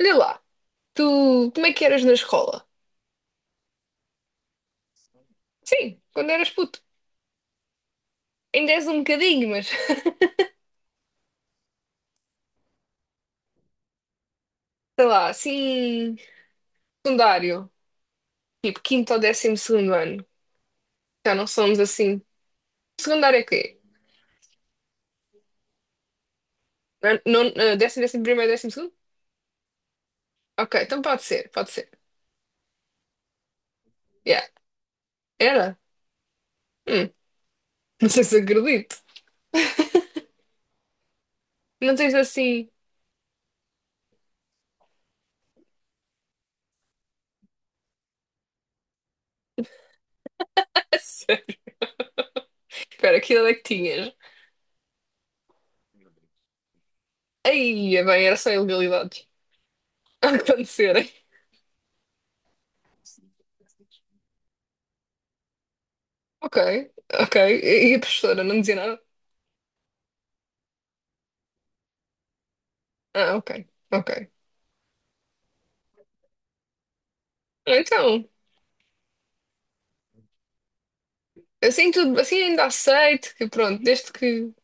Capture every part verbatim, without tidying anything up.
Olha lá, tu como é que eras na escola? Sim, quando eras puto. Ainda és um bocadinho, mas sei lá, assim, secundário, tipo quinto ou décimo segundo ano. Já não somos assim. Secundário é quê? Não, não- eh, décimo, décimo primeiro, décimo segundo? Ok, então pode ser, pode ser. Yeah. Era? Hum, não sei se acredito. Não tens assim. Espera, aquilo é que tinhas. Aí, é bem, era só ilegalidades a acontecerem. Ok, ok. E a professora não dizia nada? Ah, ok, ok. Ah, então, assim tudo, assim ainda aceito que pronto, desde que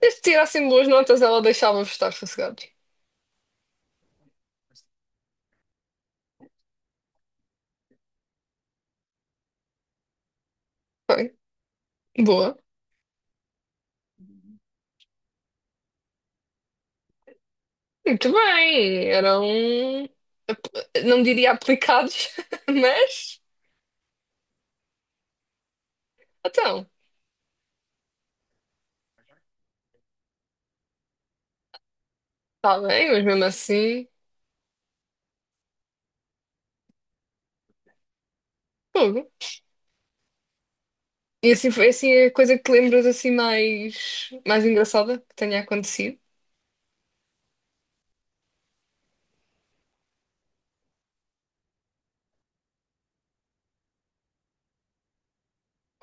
desde que tirassem boas notas, ela deixava-vos estar sossegados. Bem, boa. Muito bem, eram ap- não diria aplicados, mas então, está bem, mas mesmo assim, fogo. E assim foi assim é a coisa que te lembras assim mais, mais engraçada que tenha acontecido,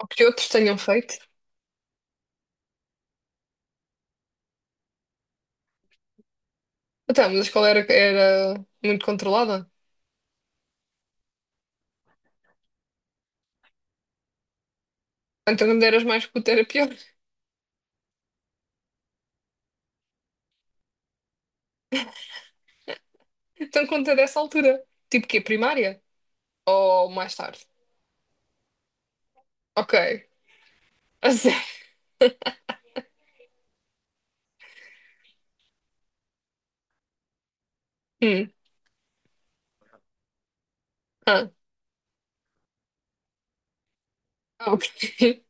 ou que outros tenham feito. Então, mas a escola era, era muito controlada. Então, quando eras mais puto era pior. Então conta dessa altura. Tipo que primária? Ou mais tarde? Ok. A sério? Hum. Ah, ok.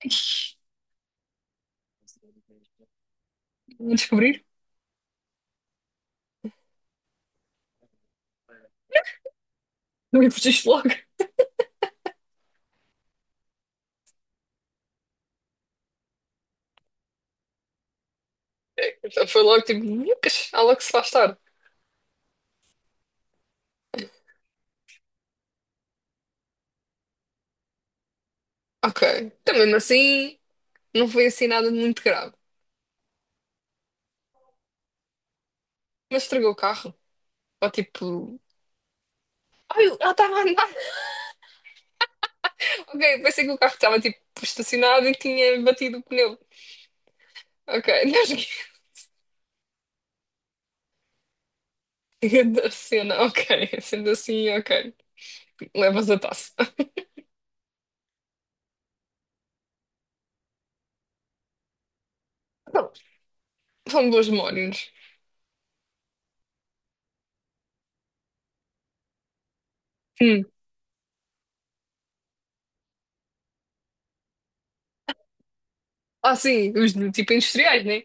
Vou descobrir? Não me fugiste logo. Então foi logo tipo, Lucas, há logo que se faz tarde. Ok. Então mesmo assim, não foi assim nada de muito grave. Mas estragou o carro. Ou tipo. Ai, ela estava a andar. Ok, pensei que o carro estava tipo estacionado e tinha batido o pneu. Ok, não da cena. Ok, sendo assim, ok. Levas a taça. São bons mornos. Hum. Ah, sim, os de tipo industriais, né?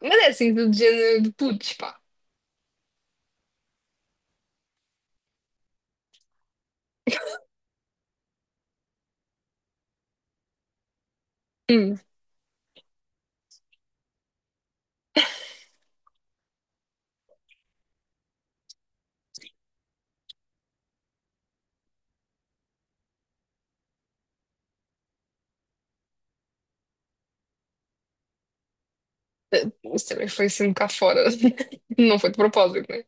Mas é assim, do género de putos, pá. Hum. Eh, Isso também foi assim um bocado fora. Não foi de propósito, né?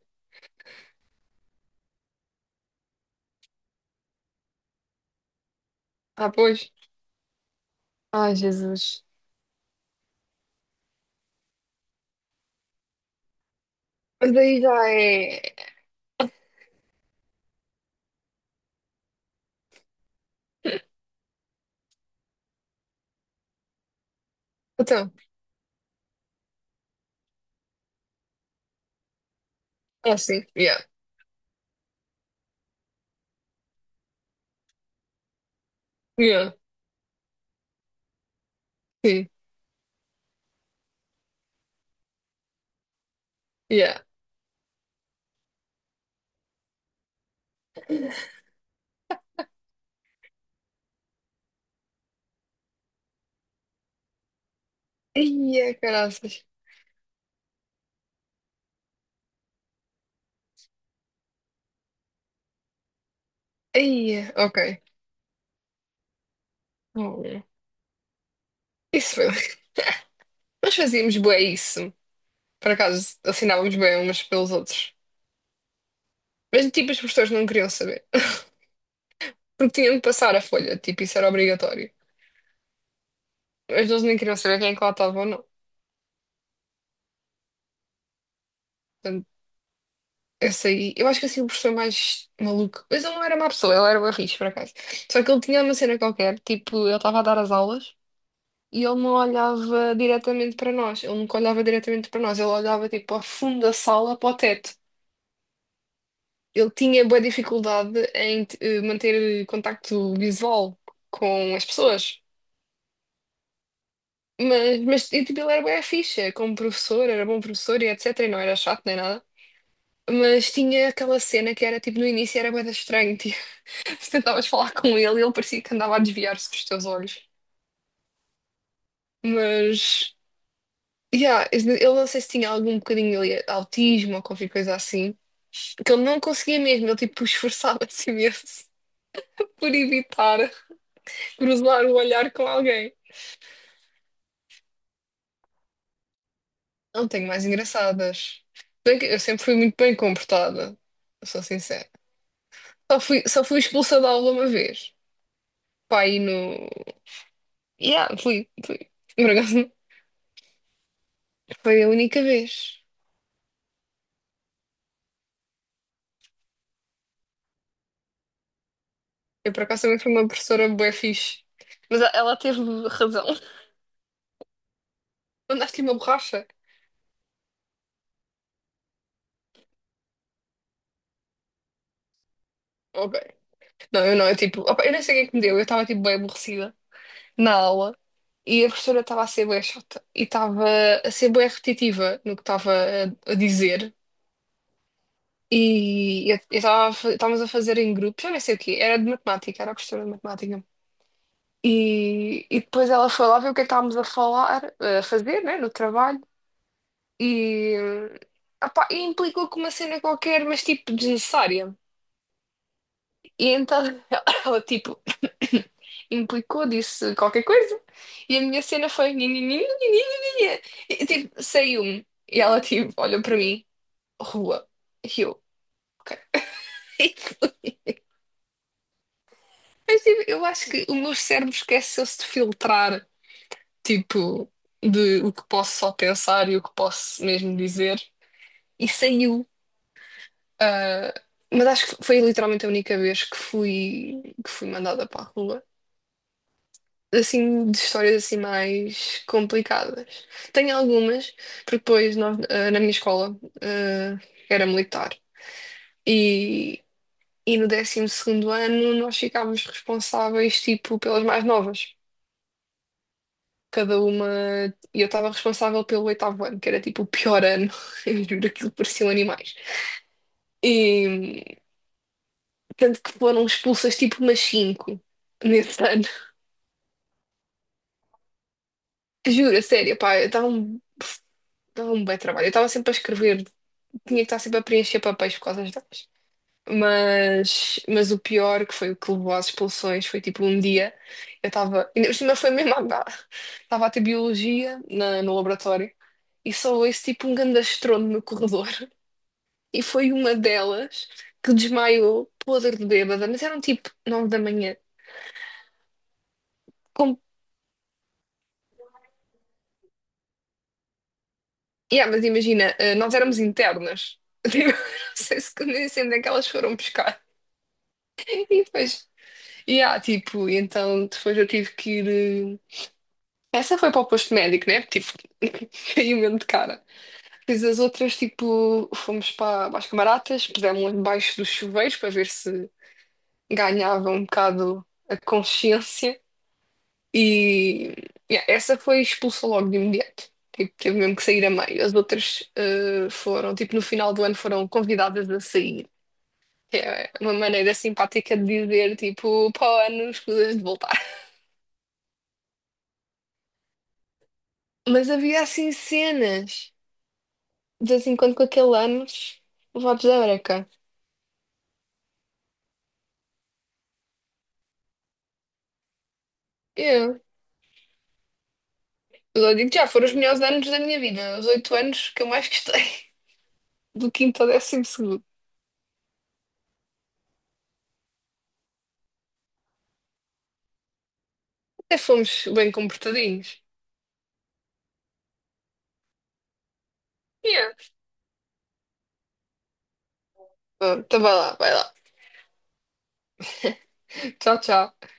Ah, pois. Ai, Jesus. Mas daí já é. Então, ah, sim. Yeah. Yeah. Sim. Yeah. Ia, caraças. Ia, ok. Oh, yeah. Isso foi. Nós fazíamos bué isso. Por acaso, assinávamos bem umas pelos outros. Mas tipo, as pessoas não queriam saber. Porque tinham de passar a folha, tipo, isso era obrigatório. Mas eles nem queriam saber quem é que lá estava ou não. Portanto, essa aí, eu acho que assim o professor mais maluco, mas ele não era má pessoa, ele era barris, por acaso. Só que ele tinha uma cena qualquer, tipo, ele estava a dar as aulas e ele não olhava diretamente para nós, ele nunca olhava diretamente para nós, ele olhava tipo ao fundo da sala para o teto. Ele tinha boa dificuldade em eh, manter contacto visual com as pessoas. Mas, mas e, tipo, ele era bué ficha como professor, era bom professor e et cetera. E não era chato nem nada. Mas tinha aquela cena que era tipo no início era bem estranho, tipo, se tentavas falar com ele, ele parecia que andava a desviar-se dos teus olhos. Mas, yeah, eu não sei se tinha algum bocadinho ali, autismo ou qualquer coisa assim, que ele não conseguia mesmo, ele tipo esforçava-se imenso por evitar cruzar o olhar com alguém. Não tenho mais engraçadas. Bem que eu sempre fui muito bem comportada, sou sincera. Só fui, só fui expulsa da aula uma vez. Pai, no. Yeah, fui, fui. Por acaso, foi a única vez. Eu, por acaso, também fui uma professora bué fixe. Mas a- ela teve razão. Mandaste-lhe uma borracha? Ok. Não, eu não. Eu, tipo, opa, eu nem sei o que é que me deu. Eu estava, tipo, bem aborrecida na aula. E a professora estava a ser bué chata. E estava a ser bué repetitiva no que estava a, a dizer. E eu eu estava, a fa- estávamos a fazer em grupo. Já nem sei o quê. Era de matemática. Era a professora de matemática. E, e depois ela foi lá ver o que é que estávamos a falar, a fazer, né, no trabalho. E, opá, e implicou com uma cena qualquer, mas tipo desnecessária. E então ela tipo implicou, disse qualquer coisa. E a minha cena foi nhi, nhi, nhi, nhi, nhi, nhi, nhi. E tipo, saiu-me. E ela tipo olhou para mim, rua. E eu, ok. Mas tipo, eu acho que o meu cérebro esqueceu-se de filtrar, tipo, de o que posso só pensar e o que posso mesmo dizer. E saiu. Ah, mas acho que foi literalmente a única vez que fui, que fui mandada para a rua. Assim, de histórias assim mais complicadas. Tenho algumas, porque depois nós, ah, na minha escola, ah, era militar. E, e no décimo segundo ano nós ficávamos responsáveis, tipo, pelas mais novas. Cada uma... E eu estava responsável pelo oitavo ano, que era tipo o pior ano. Eu juro, aquilo pareciam animais. E tanto que foram expulsas tipo umas cinco nesse ano. Juro, a sério, pá, eu dava um, dava um bem trabalho. Eu estava sempre a escrever, tinha que estar sempre a preencher papéis por causa das datas. Mas, mas o pior, que foi o que levou às expulsões, foi tipo um dia, eu estava, ainda por cima foi mesmo, estava a ter biologia na, no laboratório e só ouço tipo um grande estrondo no corredor. E foi uma delas que desmaiou, podre de bêbada, mas eram tipo nove da manhã. Yeah, mas imagina, eh, nós éramos internas. Tipo, não sei se nem sei onde é que elas foram buscar. E depois, yeah, tipo, e então depois eu tive que ir. eh, Essa foi para o posto médico, né? Tipo, caiu mesmo de cara. Depois as outras, tipo, fomos para, para as camaratas, pusemos debaixo dos chuveiros para ver se ganhava um bocado a consciência. E yeah, essa foi expulsa logo de imediato. Tipo, teve mesmo que sair a meio. As outras eh, foram, tipo, no final do ano foram convidadas a sair. É uma maneira simpática de dizer, tipo, para o ano escusas de voltar. Mas havia assim cenas, de vez em quando com aquele anos, levados à breca. Eu, eu digo que já foram os melhores anos da minha vida, os oito anos que eu mais gostei, do quinto ao décimo segundo. Até fomos bem comportadinhos. Yeah. Bom, então vai lá, vai lá. Tchau, tchau.